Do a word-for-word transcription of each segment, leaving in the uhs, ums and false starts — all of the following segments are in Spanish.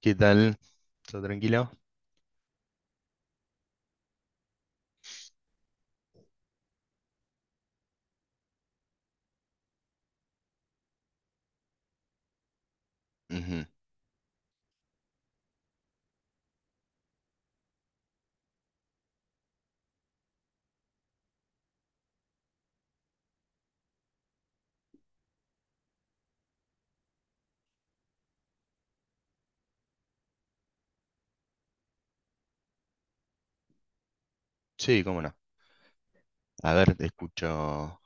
¿Qué tal? ¿Todo tranquilo? Ujú. Sí, cómo no. A ver, te escucho.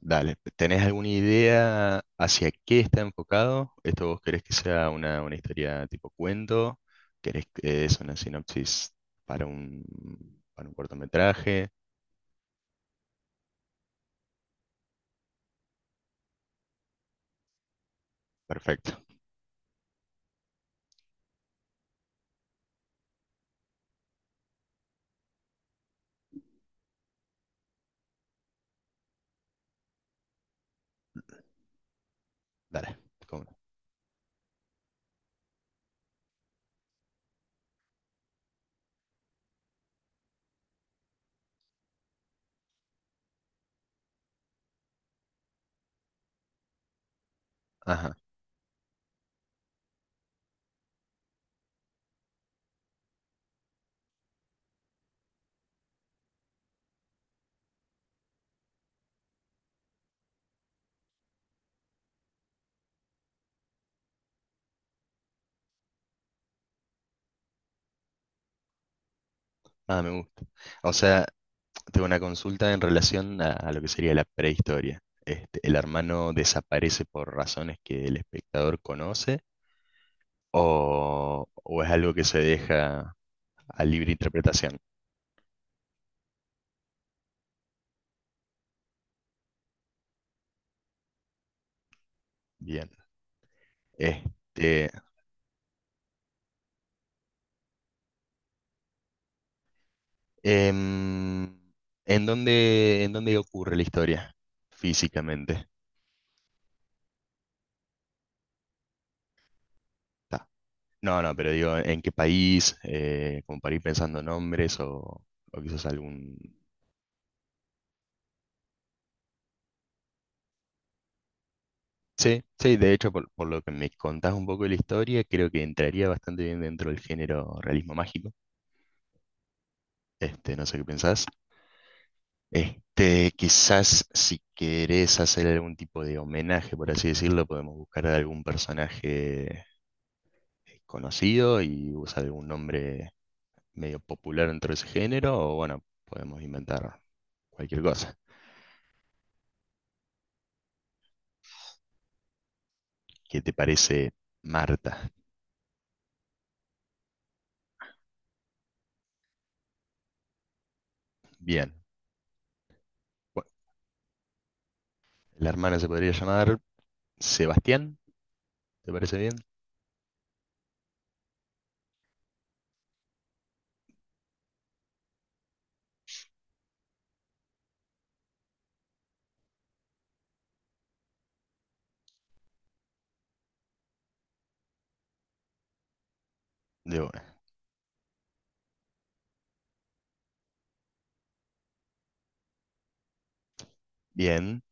Dale, ¿tenés alguna idea hacia qué está enfocado? ¿Esto vos querés que sea una, una historia tipo cuento? ¿Querés que es una sinopsis para un, para un cortometraje? Perfecto, dale, cómo no. Ajá, ah, me gusta. O sea, tengo una consulta en relación a, a lo que sería la prehistoria. Este, el hermano desaparece por razones que el espectador conoce. ¿O, o es algo que se deja a libre interpretación? Bien. Este, em, ¿en dónde, en dónde ocurre la historia físicamente? Ta. No, no, pero digo, ¿en qué país? Eh, ¿como para ir pensando nombres o, o quizás algún...? Sí, sí, de hecho, por, por lo que me contás un poco de la historia, creo que entraría bastante bien dentro del género realismo mágico. Este, no sé qué pensás. Este, quizás si querés hacer algún tipo de homenaje, por así decirlo, podemos buscar a algún personaje eh, conocido y usar algún nombre medio popular dentro de ese género, o bueno, podemos inventar cualquier cosa. ¿Qué te parece Marta? Bien. Bueno, la hermana se podría llamar Sebastián, ¿te parece bien? De una. Bien.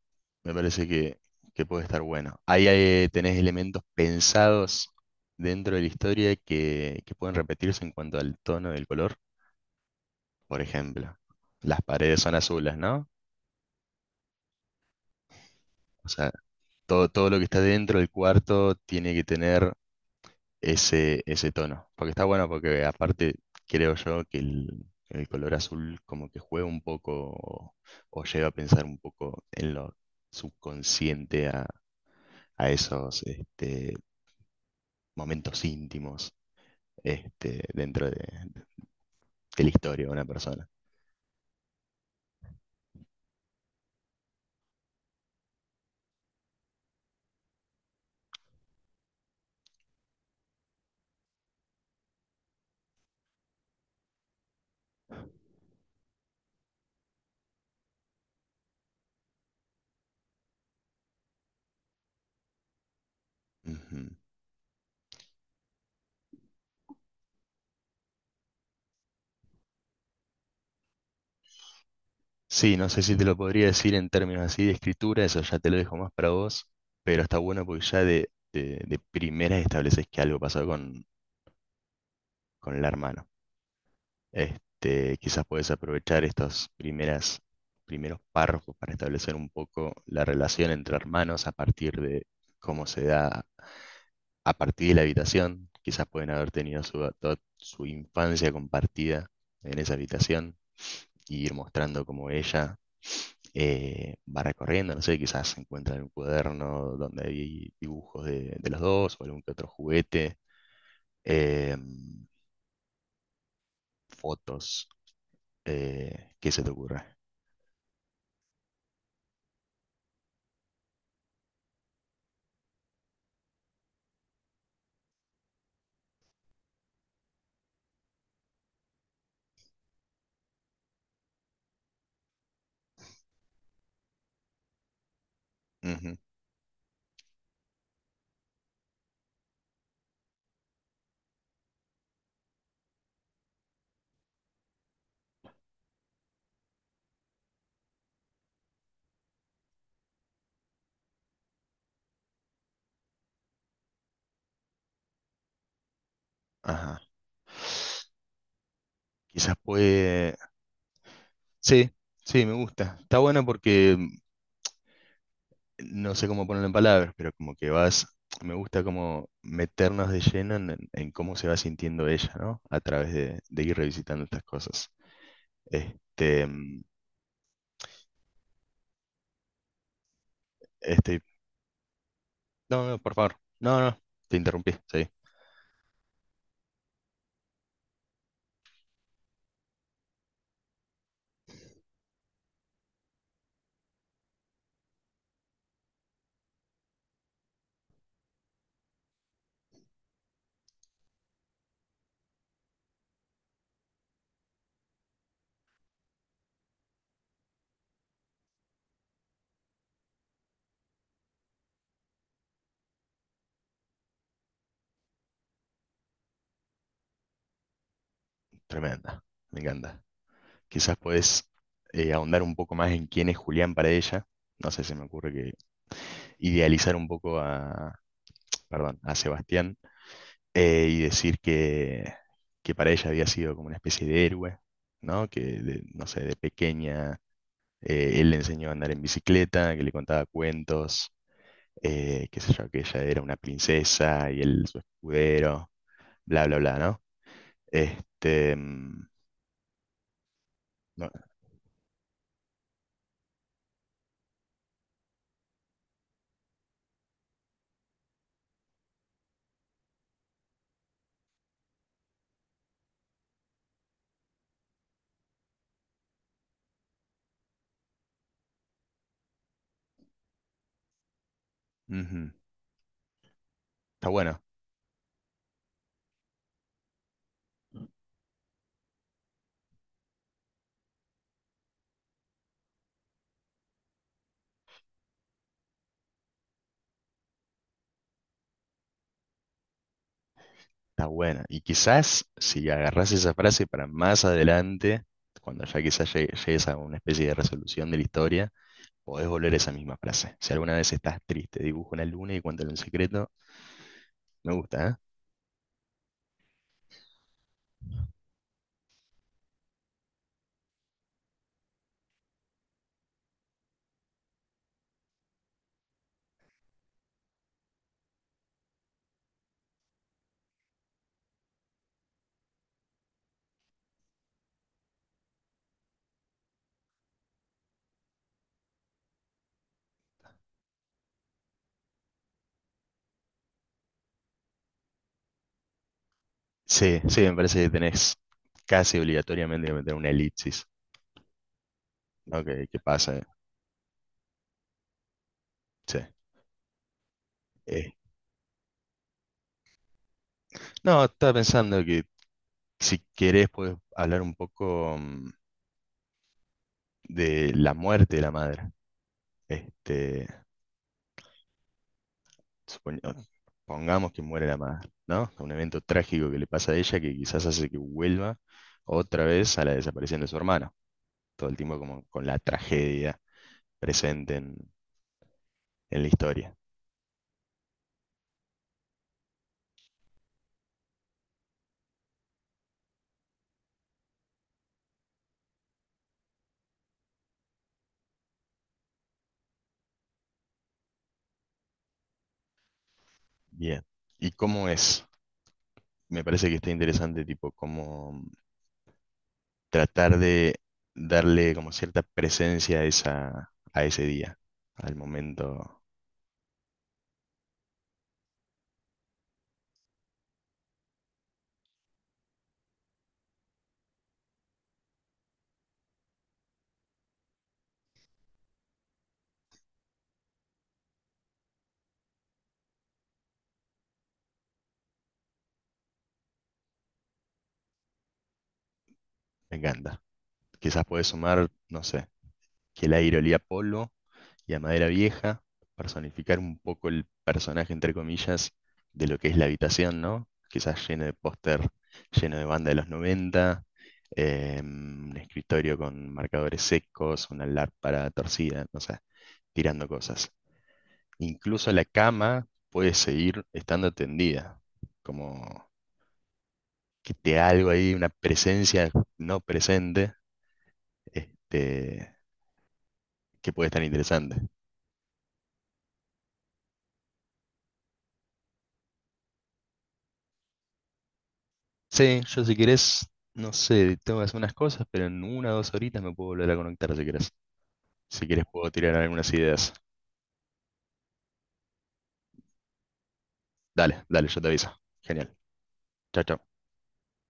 Me parece que, que puede estar bueno. Ahí eh, tenés elementos pensados dentro de la historia que, que pueden repetirse en cuanto al tono del color. Por ejemplo, las paredes son azules, ¿no? O sea, todo, todo lo que está dentro del cuarto tiene que tener ese, ese tono. Porque está bueno, porque aparte creo yo que el, el color azul como que juega un poco o, o lleva a pensar un poco en lo subconsciente a, a esos este, momentos íntimos este, dentro de, de la historia de una persona. Ujú. Sí, no sé si te lo podría decir en términos así de escritura, eso ya te lo dejo más para vos, pero está bueno porque ya de, de, de primeras estableces que algo pasó con, con la hermana. Este, quizás podés aprovechar estos primeras, primeros párrafos para establecer un poco la relación entre hermanos a partir de cómo se da a partir de la habitación, quizás pueden haber tenido su, toda su infancia compartida en esa habitación y ir mostrando cómo ella eh, va recorriendo, no sé, quizás encuentran un cuaderno donde hay dibujos de, de los dos o algún que otro juguete, eh, fotos, eh, ¿qué se te ocurre? Ujú, ajá. Quizás puede... Sí, sí, me gusta. Está bueno porque no sé cómo ponerlo en palabras, pero como que vas, me gusta como meternos de lleno en, en- en cómo se va sintiendo ella, ¿no? A través de, de ir revisitando estas cosas. Este, mm, este, no, no, por favor, no, no, te interrumpí, sí, tremenda, me encanta. Quizás puedes eh, ahondar un poco más en quién es Julián para ella, no sé, se me ocurre que idealizar un poco a, perdón, a Sebastián eh, y decir que, que para ella había sido como una especie de héroe, ¿no? Que, de- no sé, de pequeña eh, él le enseñó a andar en bicicleta, que le contaba cuentos, eh, qué sé yo, que ella era una princesa y él su escudero, bla, bla, bla, ¿no? Este, mm, no, ujú, está bueno, está bueno. Y quizás si agarrás esa frase para más adelante, cuando ya quizás llegue- llegues a una especie de resolución de la historia. Podés volver a esa misma frase. Si alguna vez estás triste, dibujo una luna y cuéntale un secreto. Me gusta, ¿eh? Sí, sí, me parece que tenés casi obligatoriamente que meter una elipsis, ¿no? Que, que pasa, ¿eh? Sí. Eh, no, estaba pensando que si querés puedes hablar un poco mm, de la muerte de la madre. Este, supoñ- pongamos que muere la madre, ¿no? Un evento trágico que le pasa a ella que quizás hace que vuelva otra vez a la desaparición de su hermano. Todo el tiempo como con la tragedia presente en, en la historia. Bien. ¿Y cómo es? Me parece que está interesante, tipo, cómo tratar de darle como cierta presencia a esa, a ese día, al momento. Me encanta. Quizás puedes sumar, no sé, que el aire olía a polo y a madera vieja, personificar un poco el personaje, entre comillas, de lo que es la habitación, ¿no? Quizás lleno de póster, lleno de banda de los noventa eh, un escritorio con marcadores secos, una lámpara torcida, no sé, tirando cosas. Incluso la cama puede seguir estando tendida, como que te da algo ahí, una presencia no presente, este, que puede estar interesante. Sí, yo si querés, no sé, tengo que hacer unas cosas, pero en una o dos horitas me puedo volver a conectar si querés. Si querés puedo tirar algunas ideas. Dale, dale, yo te aviso. Genial. Chao, chao.